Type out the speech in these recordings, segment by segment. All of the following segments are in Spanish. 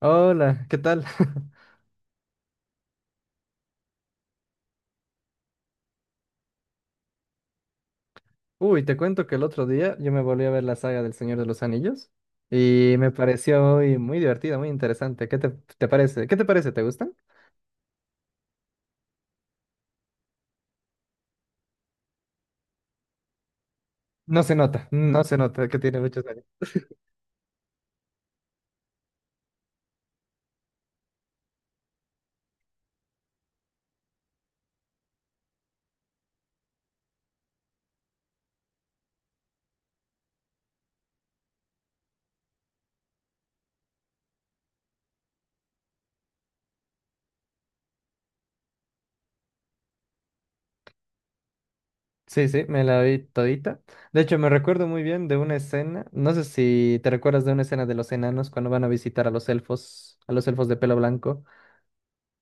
Hola, ¿qué tal? Uy, te cuento que el otro día yo me volví a ver la saga del Señor de los Anillos y me pareció muy, muy divertida, muy interesante. ¿Qué te parece? ¿Qué te parece? ¿Te gustan? No se nota, no se nota que tiene muchos años. Sí, sí, me la vi todita. De hecho, me recuerdo muy bien de una escena, no sé si te recuerdas de una escena de los enanos cuando van a visitar a los elfos de pelo blanco.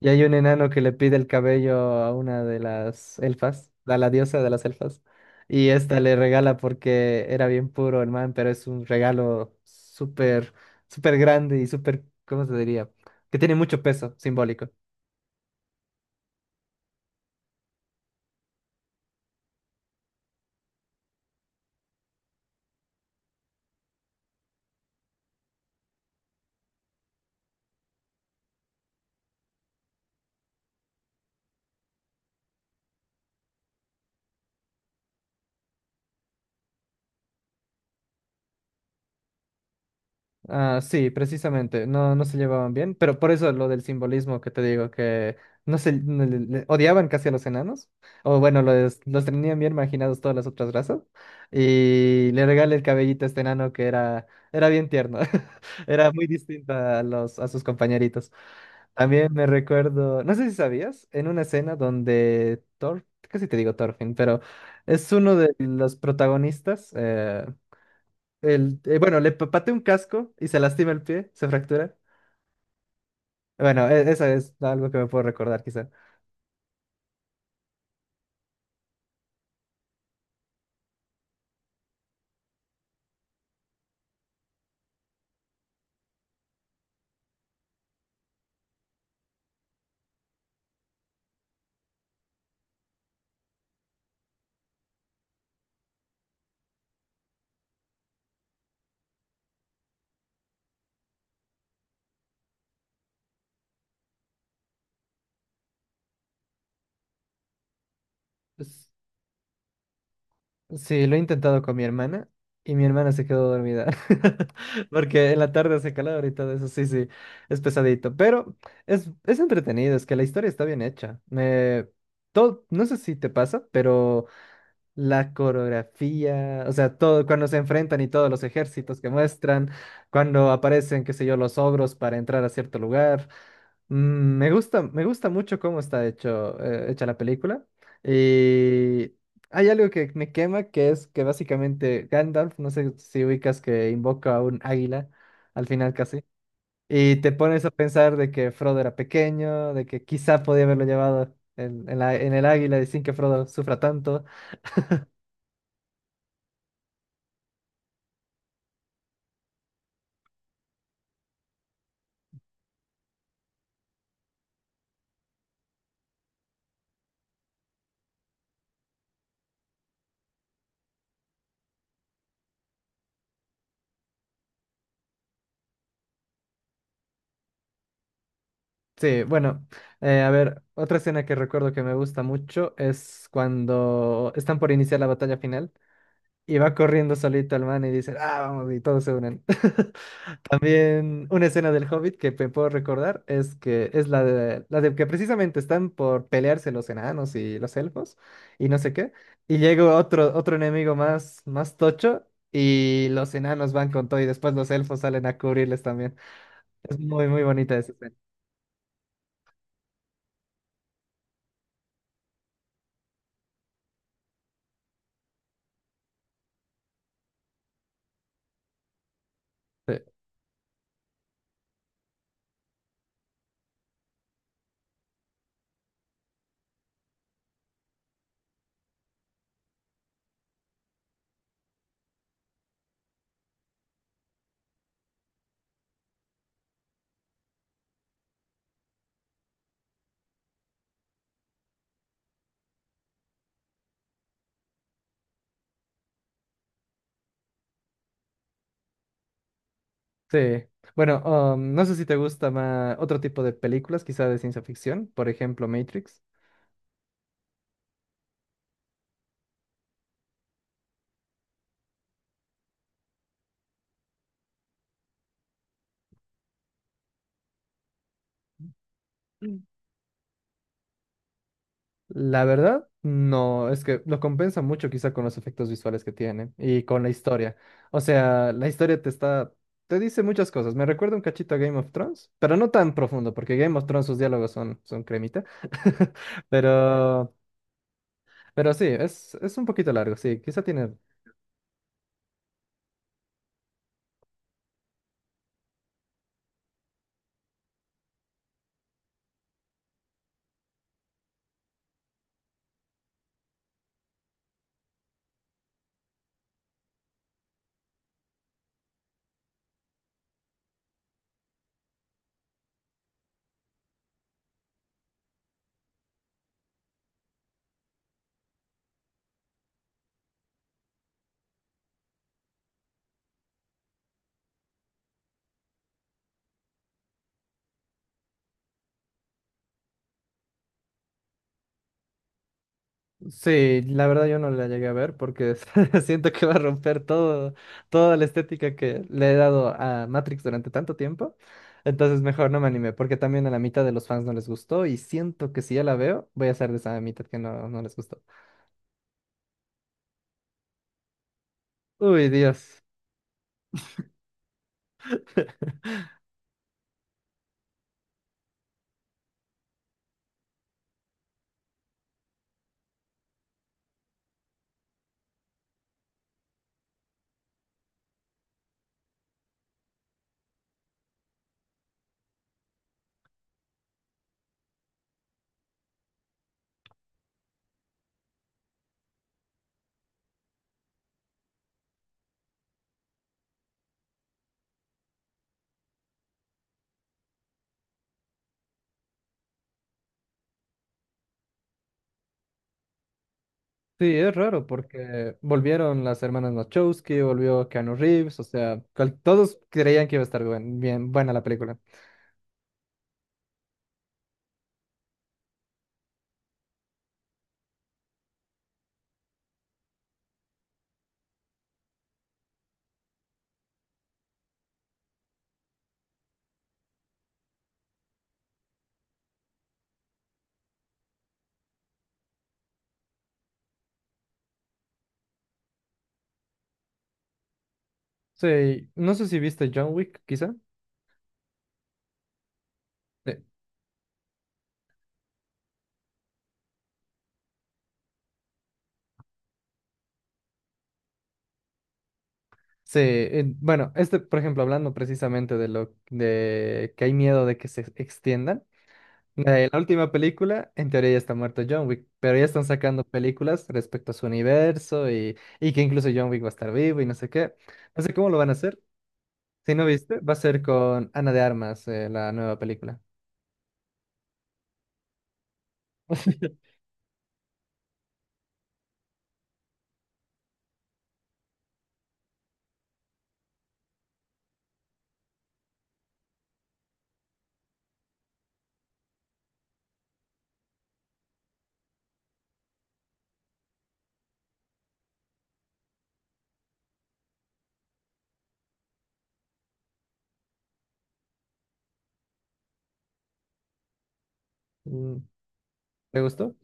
Y hay un enano que le pide el cabello a una de las elfas, a la diosa de las elfas, y esta le regala porque era bien puro el man, pero es un regalo súper, súper grande y súper, ¿cómo se diría? Que tiene mucho peso simbólico. Ah, sí, precisamente, no, no se llevaban bien, pero por eso lo del simbolismo que te digo, que no se no le- le- odiaban casi a los enanos, o bueno, los tenían bien marginados todas las otras razas, y le regala el cabellito a este enano que era, era bien tierno, era muy distinto a los, a sus compañeritos. También me recuerdo, no sé si sabías, en una escena donde Thor, casi te digo Thorfinn, pero es uno de los protagonistas, el, bueno, pateé un casco y se lastima el pie, se fractura. Bueno, eso es algo que me puedo recordar, quizá. Pues, sí, lo he intentado con mi hermana y mi hermana se quedó dormida. Porque en la tarde hace calor y todo eso, sí, sí, es pesadito. Pero es entretenido, es que la historia está bien hecha. No sé si te pasa, pero. La coreografía, o sea, todo cuando se enfrentan y todos los ejércitos que muestran, cuando aparecen, qué sé yo, los ogros para entrar a cierto lugar. Me gusta mucho cómo está hecho, hecha la película. Y hay algo que me quema, que es que básicamente Gandalf, no sé si ubicas que invoca a un águila al final casi, y te pones a pensar de que Frodo era pequeño, de que quizá podía haberlo llevado en, en el águila y sin que Frodo sufra tanto. Sí, bueno, a ver, otra escena que recuerdo que me gusta mucho es cuando están por iniciar la batalla final y va corriendo solito el man y dice, ah, vamos, y todos se unen. También una escena del Hobbit que me puedo recordar es que es la de que precisamente están por pelearse los enanos y los elfos y no sé qué, y llega otro, otro enemigo más, más tocho y los enanos van con todo y después los elfos salen a cubrirles también. Es muy, muy bonita esa escena. Sí. Sí. Bueno, no sé si te gusta más otro tipo de películas, quizá de ciencia ficción, por ejemplo, Matrix. Mm. La verdad, no, es que lo compensa mucho quizá con los efectos visuales que tiene y con la historia. O sea, la historia te está, te dice muchas cosas. Me recuerda un cachito a Game of Thrones, pero no tan profundo, porque Game of Thrones sus diálogos son, son cremita. Pero, pero sí, es un poquito largo, sí, quizá tiene. Sí, la verdad yo no la llegué a ver porque siento que va a romper todo, toda la estética que le he dado a Matrix durante tanto tiempo. Entonces mejor no me animé porque también a la mitad de los fans no les gustó y siento que si ya la veo voy a ser de esa mitad que no, no les gustó. Uy, Dios. Sí, es raro porque volvieron las hermanas Wachowski, volvió Keanu Reeves, o sea, todos creían que iba a estar bien buena la película. Sí, no sé si viste John Wick, quizá. Sí. Sí, bueno, este, por ejemplo, hablando precisamente de lo de que hay miedo de que se extiendan. La última película, en teoría ya está muerto John Wick, pero ya están sacando películas respecto a su universo y que incluso John Wick va a estar vivo y no sé qué. No sé cómo lo van a hacer. Si no viste, va a ser con Ana de Armas, la nueva película. Mm, ¿te gustó?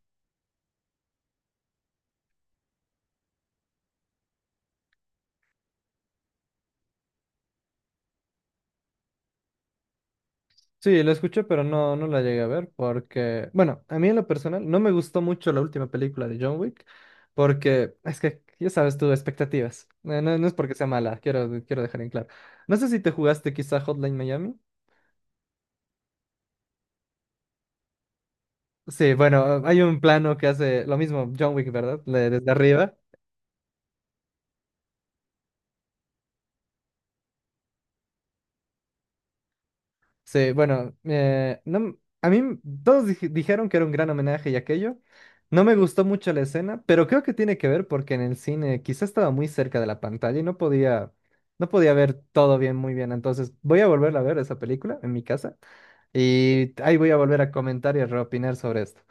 Sí, la escuché, pero no, no la llegué a ver porque, bueno, a mí en lo personal no me gustó mucho la última película de John Wick porque es que, ya sabes tú, expectativas. No, no es porque sea mala, quiero dejar en claro. No sé si te jugaste quizá Hotline Miami. Sí, bueno, hay un plano que hace lo mismo John Wick, ¿verdad? Desde arriba. Sí, bueno, no, m- a mí todos dijeron que era un gran homenaje y aquello. No me gustó mucho la escena, pero creo que tiene que ver porque en el cine quizá estaba muy cerca de la pantalla y no podía, no podía ver todo bien, muy bien. Entonces voy a volverla a ver esa película en mi casa y ahí voy a volver a comentar y a reopinar sobre esto.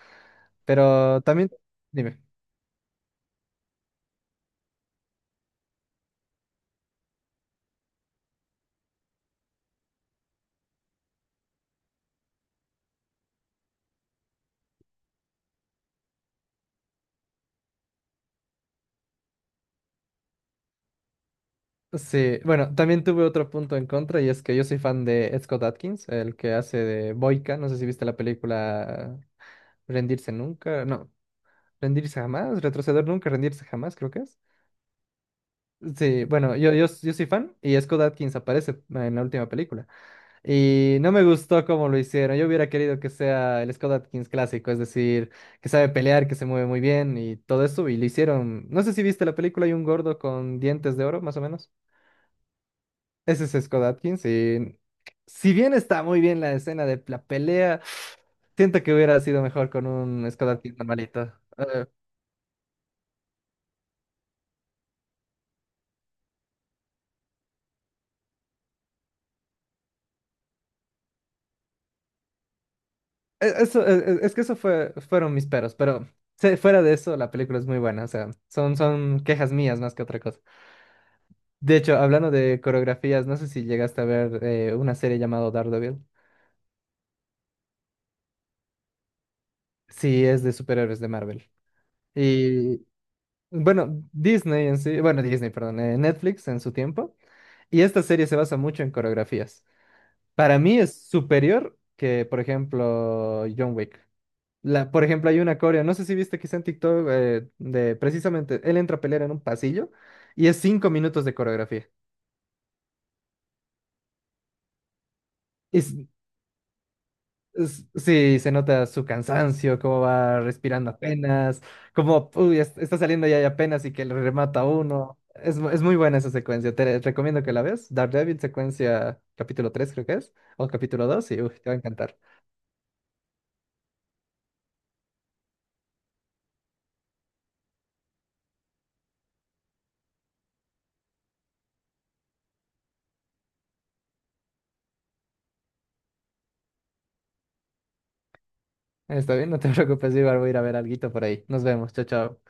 Pero también, dime. Sí, bueno, también tuve otro punto en contra y es que yo soy fan de Ed Scott Adkins, el que hace de Boyka. No sé si viste la película Rendirse Nunca. No, Rendirse jamás, retroceder nunca, rendirse jamás, creo que es. Sí, bueno, yo soy fan y Scott Adkins aparece en la última película. Y no me gustó cómo lo hicieron. Yo hubiera querido que sea el Scott Adkins clásico, es decir, que sabe pelear, que se mueve muy bien y todo eso. Y lo hicieron. No sé si viste la película, hay un gordo con dientes de oro, más o menos. Ese es Scott Adkins. Y si bien está muy bien la escena de la pelea, siento que hubiera sido mejor con un Scott Adkins normalito. E- Eso, es que eso fue, fueron mis peros, pero fuera de eso, la película es muy buena, o sea, son, son quejas mías más que otra cosa. De hecho, hablando de coreografías, no sé si llegaste a ver una serie llamada Daredevil. Sí, es de superhéroes de Marvel. Y bueno, Disney en sí, bueno, Disney, perdón, Netflix en su tiempo, y esta serie se basa mucho en coreografías. Para mí es superior que, por ejemplo, John Wick. La, por ejemplo, hay una coreo, no sé si viste quizá en TikTok, de precisamente, él entra a pelear en un pasillo y es 5 minutos de coreografía. Y s- sí, se nota su cansancio, cómo va respirando apenas, cómo uy, está saliendo ya y apenas y que le remata a uno. Es, es muy buena esa secuencia, te recomiendo que la veas. Daredevil, secuencia capítulo 3 creo que es, o capítulo 2 y uy, te va a encantar. Está bien, no te preocupes, Ibar, voy a ir a ver alguito por ahí. Nos vemos, chao, chao.